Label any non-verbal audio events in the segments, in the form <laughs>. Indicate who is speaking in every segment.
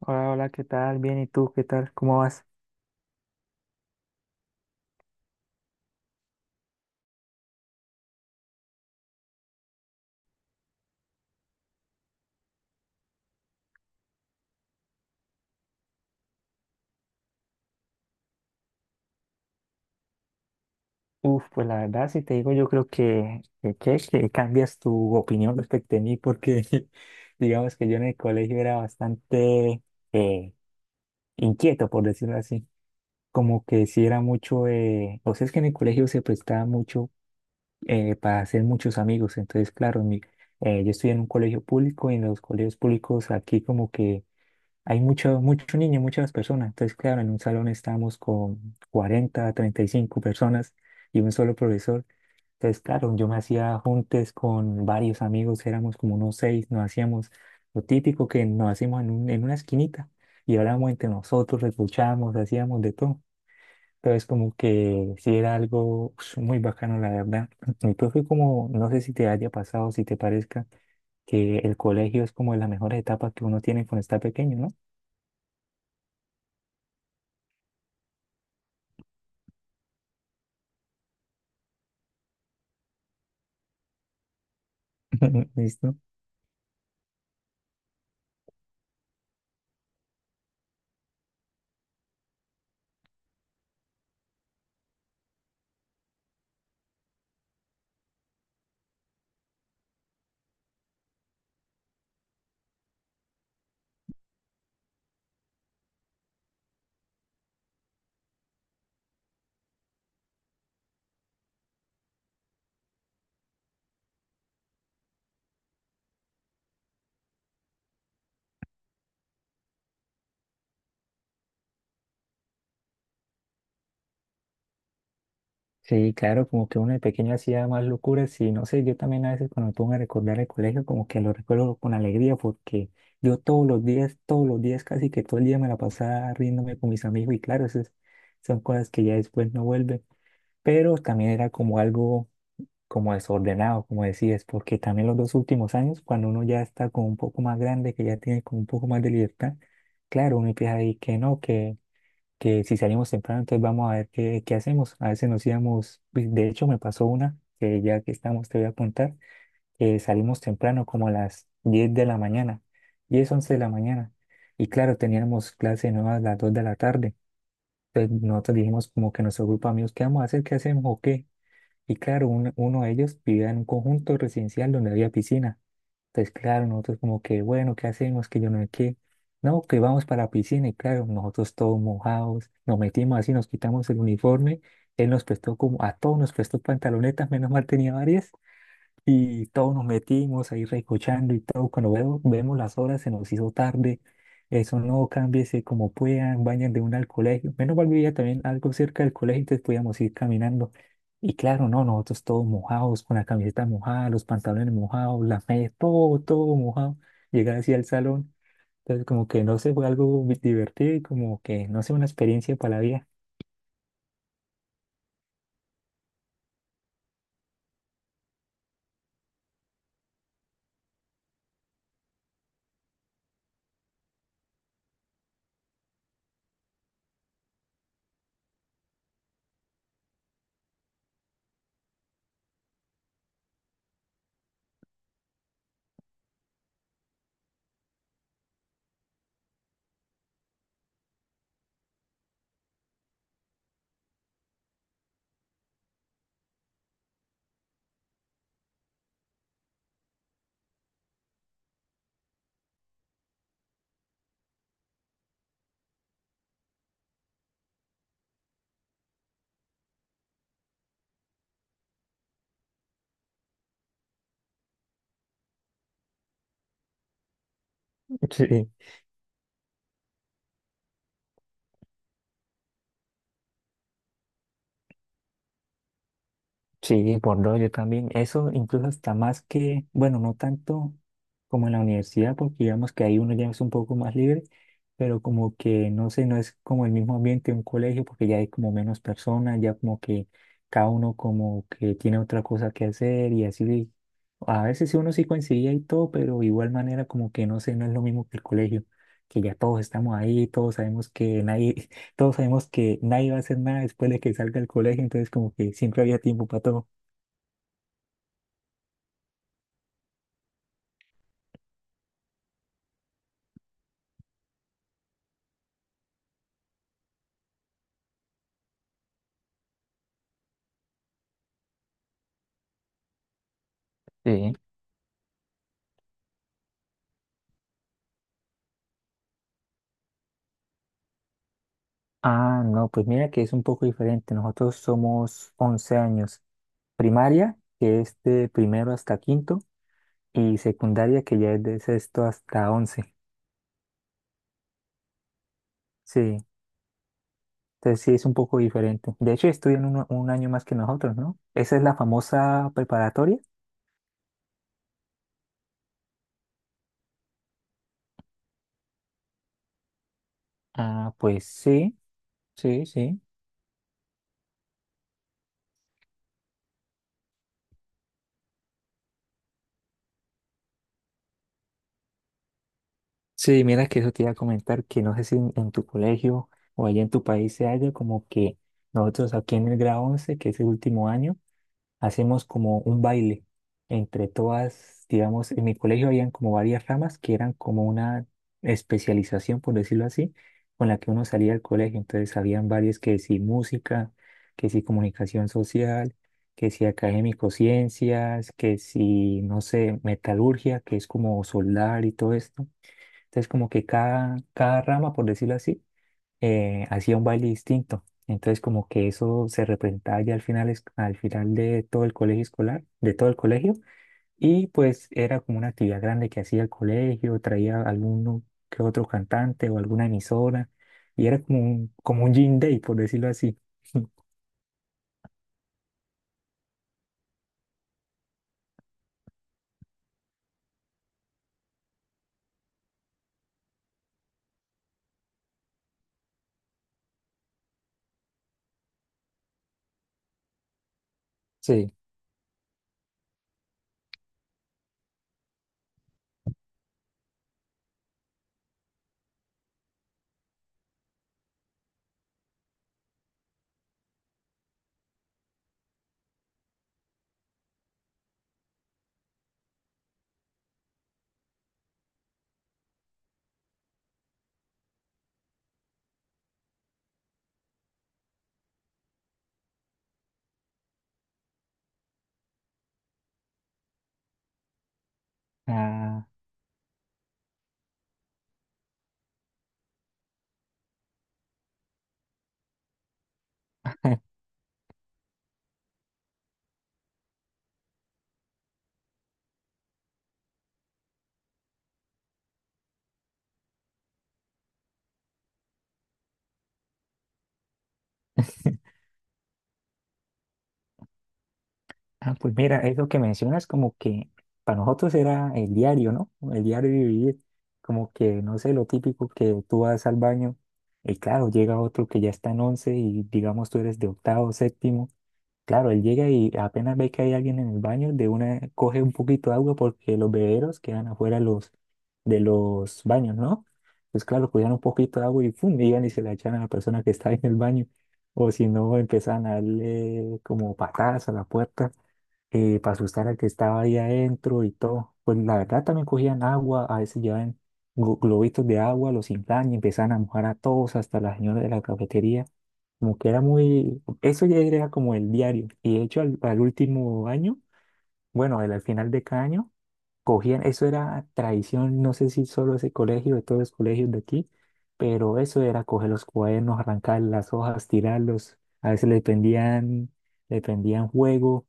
Speaker 1: Hola, hola, ¿qué tal? Bien, ¿y tú qué tal? ¿Cómo vas? Uf, pues la verdad, si te digo, yo creo que cambias tu opinión respecto a mí, porque <laughs> digamos que yo en el colegio era bastante eh, inquieto, por decirlo así. Como que si era mucho, o sea, es que en el colegio se prestaba mucho para hacer muchos amigos. Entonces, claro, yo estoy en un colegio público y en los colegios públicos aquí como que hay mucho, mucho niño, muchas personas. Entonces, claro, en un salón estábamos con 40 35 personas y un solo profesor. Entonces, claro, yo me hacía juntes con varios amigos, éramos como unos seis, nos hacíamos lo típico que nos hacíamos en una esquinita y hablábamos entre nosotros, escuchábamos, hacíamos de todo. Entonces, como que sí era algo ush, muy bacano, la verdad. <clears throat> Mi profe, como, no sé si te haya pasado, si te parezca, que el colegio es como de las mejores etapas que uno tiene cuando está pequeño, ¿no? <laughs> ¿Listo? Sí, claro, como que uno de pequeño hacía más locuras y no sé, yo también a veces cuando me pongo a recordar el colegio, como que lo recuerdo con alegría porque yo todos los días, casi que todo el día me la pasaba riéndome con mis amigos y claro, esas son cosas que ya después no vuelven, pero también era como algo como desordenado, como decías, porque también los dos últimos años, cuando uno ya está como un poco más grande, que ya tiene como un poco más de libertad, claro, uno empieza a decir que no, que si salimos temprano, entonces vamos a ver qué hacemos. A veces nos íbamos, pues, de hecho me pasó una, que ya que estamos te voy a contar, que salimos temprano como a las 10 de la mañana, 10 11 de la mañana. Y claro, teníamos clase nueva a las 2 de la tarde. Entonces nosotros dijimos como que nuestro grupo de amigos, ¿qué vamos a hacer? ¿Qué hacemos o qué? Y claro, uno de ellos vivía en un conjunto residencial donde había piscina. Entonces, claro, nosotros como que, bueno, ¿qué hacemos? Que yo no sé qué. No, que vamos para la piscina y claro, nosotros todos mojados, nos metimos así, nos quitamos el uniforme. Él nos prestó como, a todos nos prestó pantalonetas, menos mal tenía varias. Y todos nos metimos ahí recochando y todo. Cuando vemos las horas, se nos hizo tarde. Eso no, cámbiese como puedan, vayan de una al colegio. Menos mal vivía también algo cerca del colegio, entonces podíamos ir caminando. Y claro, no, nosotros todos mojados, con la camiseta mojada, los pantalones mojados, las medias, todo, todo mojado. Llegar así al salón. Entonces, como que no sé, fue algo divertido y como que no sé, una experiencia para la vida. <laughs> Sí, por dos, yo también. Eso incluso hasta más que, bueno, no tanto como en la universidad, porque digamos que ahí uno ya es un poco más libre, pero como que, no sé, no es como el mismo ambiente de un colegio, porque ya hay como menos personas, ya como que cada uno como que tiene otra cosa que hacer y así. A veces sí uno sí coincidía y todo, pero de igual manera como que, no sé, no es lo mismo que el colegio, que ya todos estamos ahí, todos sabemos que nadie <laughs> todos sabemos que nadie va a hacer nada después de que salga del colegio, entonces como que siempre había tiempo para todo. Sí. Ah, no, pues mira que es un poco diferente. Nosotros somos 11 años. Primaria, que es de primero hasta quinto, y secundaria, que ya es de sexto hasta 11. Sí, entonces sí es un poco diferente. De hecho, estudian un año más que nosotros, ¿no? Esa es la famosa preparatoria. Ah, pues sí, sí, sí. Sí, mira que eso te iba a comentar, que no sé si en tu colegio o allá en tu país se haya como que nosotros aquí en el grado 11, que es el último año, hacemos como un baile entre todas, digamos, en mi colegio habían como varias ramas que eran como una especialización, por decirlo así, con la que uno salía del colegio. Entonces habían varias que sí música, que sí comunicación social, que sí académico ciencias, que sí, no sé, metalurgia, que es como soldar y todo esto. Entonces, como que cada rama, por decirlo así, hacía un baile distinto. Entonces, como que eso se representaba ya al final, al final de todo el colegio escolar, de todo el colegio. Y pues era como una actividad grande que hacía el colegio, traía alguno que otro cantante o alguna emisora. Y era como un, Gym Day, por decirlo así. <laughs> Sí. Ah, <laughs> Ah, pues mira, eso que mencionas como que para nosotros era el diario, ¿no? El diario de vivir, como que, no sé, lo típico que tú vas al baño y claro, llega otro que ya está en 11 y digamos tú eres de octavo, séptimo, claro, él llega y apenas ve que hay alguien en el baño, de una coge un poquito de agua porque los bebederos quedan afuera de los baños, ¿no? Pues claro, cogían un poquito de agua y ¡fum! Iban y se la echan a la persona que <laughs> está en el baño, o si no, empezaban a darle como patadas a la puerta para asustar al que estaba ahí adentro y todo. Pues la verdad también cogían agua, a veces llevaban globitos de agua, los inflan y empezaban a mojar a todos, hasta la señora de la cafetería. Como que era muy, eso ya era como el diario. Y de hecho al último año, bueno, al final de cada año, cogían, eso era tradición, no sé si solo ese colegio, de todos los colegios de aquí, pero eso era coger los cuadernos, arrancar las hojas, tirarlos. A veces le pendían juego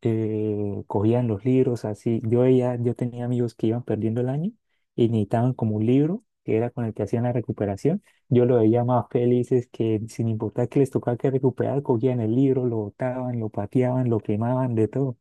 Speaker 1: cogían los libros así. Yo, ella yo tenía amigos que iban perdiendo el año y necesitaban como un libro que era con el que hacían la recuperación. Yo lo veía más felices que sin importar que les tocaba que recuperar, cogían el libro, lo botaban, lo pateaban, lo quemaban, de todo.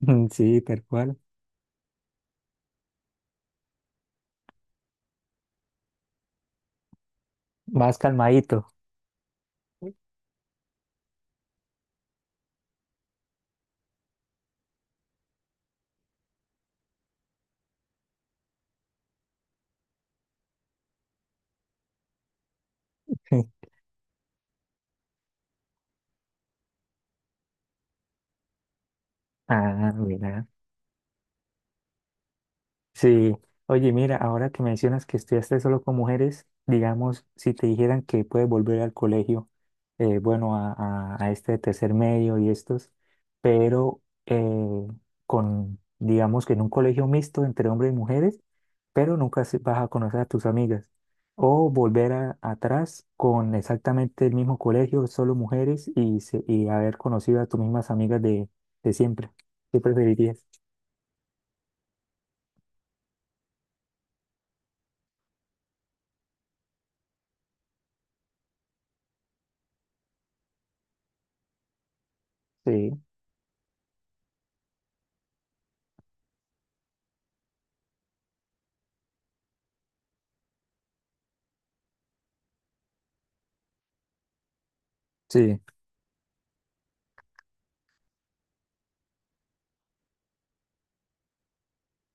Speaker 1: <laughs> Sí, tal cual. Más calmadito. <laughs> Ah, mira. Sí, oye, mira, ahora que mencionas que estudiaste solo con mujeres, digamos, si te dijeran que puedes volver al colegio, bueno, a este tercer medio y estos, pero eh, con, digamos que en un colegio mixto entre hombres y mujeres, pero nunca vas a conocer a tus amigas. O volver atrás con exactamente el mismo colegio, solo mujeres y haber conocido a tus mismas amigas de siempre. ¿Qué preferirías? Sí, sí.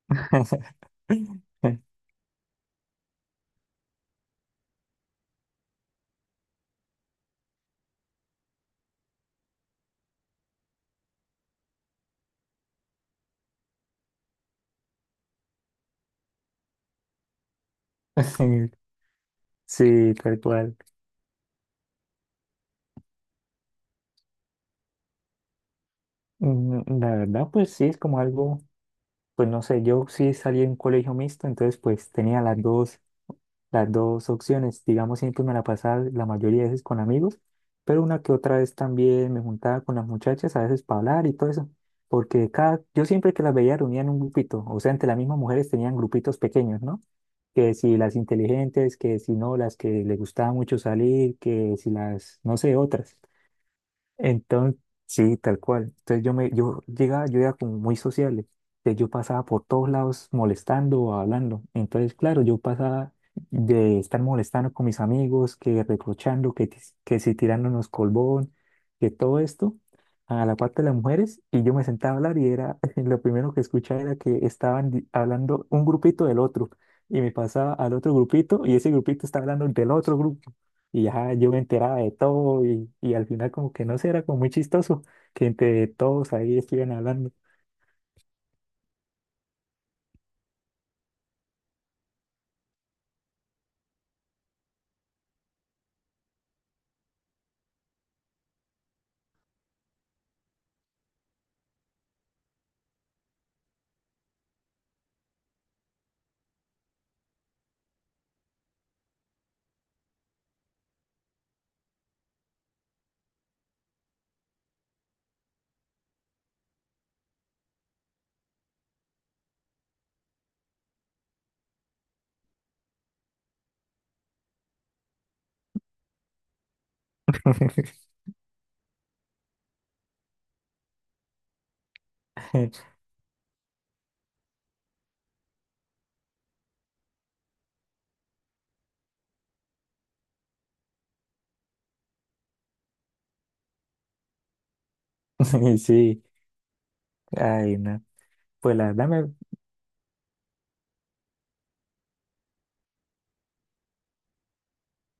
Speaker 1: <laughs> <laughs> Sí, tal cual. Mm, la verdad, pues sí, es como algo, pues no sé, yo sí salí en colegio mixto, entonces pues tenía las dos opciones. Digamos, siempre me la pasaba la mayoría de veces con amigos, pero una que otra vez también me juntaba con las muchachas, a veces para hablar y todo eso, porque yo siempre que las veía reunía en un grupito, o sea, entre las mismas mujeres tenían grupitos pequeños, ¿no? que si las inteligentes, que si no, las que les gustaba mucho salir, que si las, no sé, otras. Entonces, sí, tal cual. Entonces yo llegaba, yo era como muy sociable. Entonces yo pasaba por todos lados molestando o hablando. Entonces, claro, yo pasaba de estar molestando con mis amigos, que reprochando, que si tirándonos colbón, que todo esto, a la parte de las mujeres, y yo me sentaba a hablar y era, <laughs> lo primero que escuchaba era que estaban hablando un grupito del otro, y me pasaba al otro grupito, y ese grupito estaba hablando del otro grupo. Y ya yo me enteraba de todo y al final como que no sé, era como muy chistoso que entre todos ahí estuvieran hablando. <laughs> Sí, ay, no. Pues la verdad me...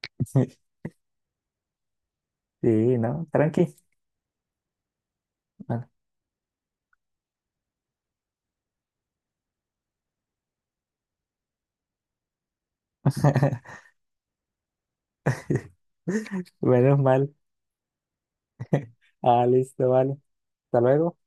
Speaker 1: <laughs> Sí, no, tranqui. Bueno. <laughs> Menos mal. <laughs> Ah, listo, vale. Hasta luego.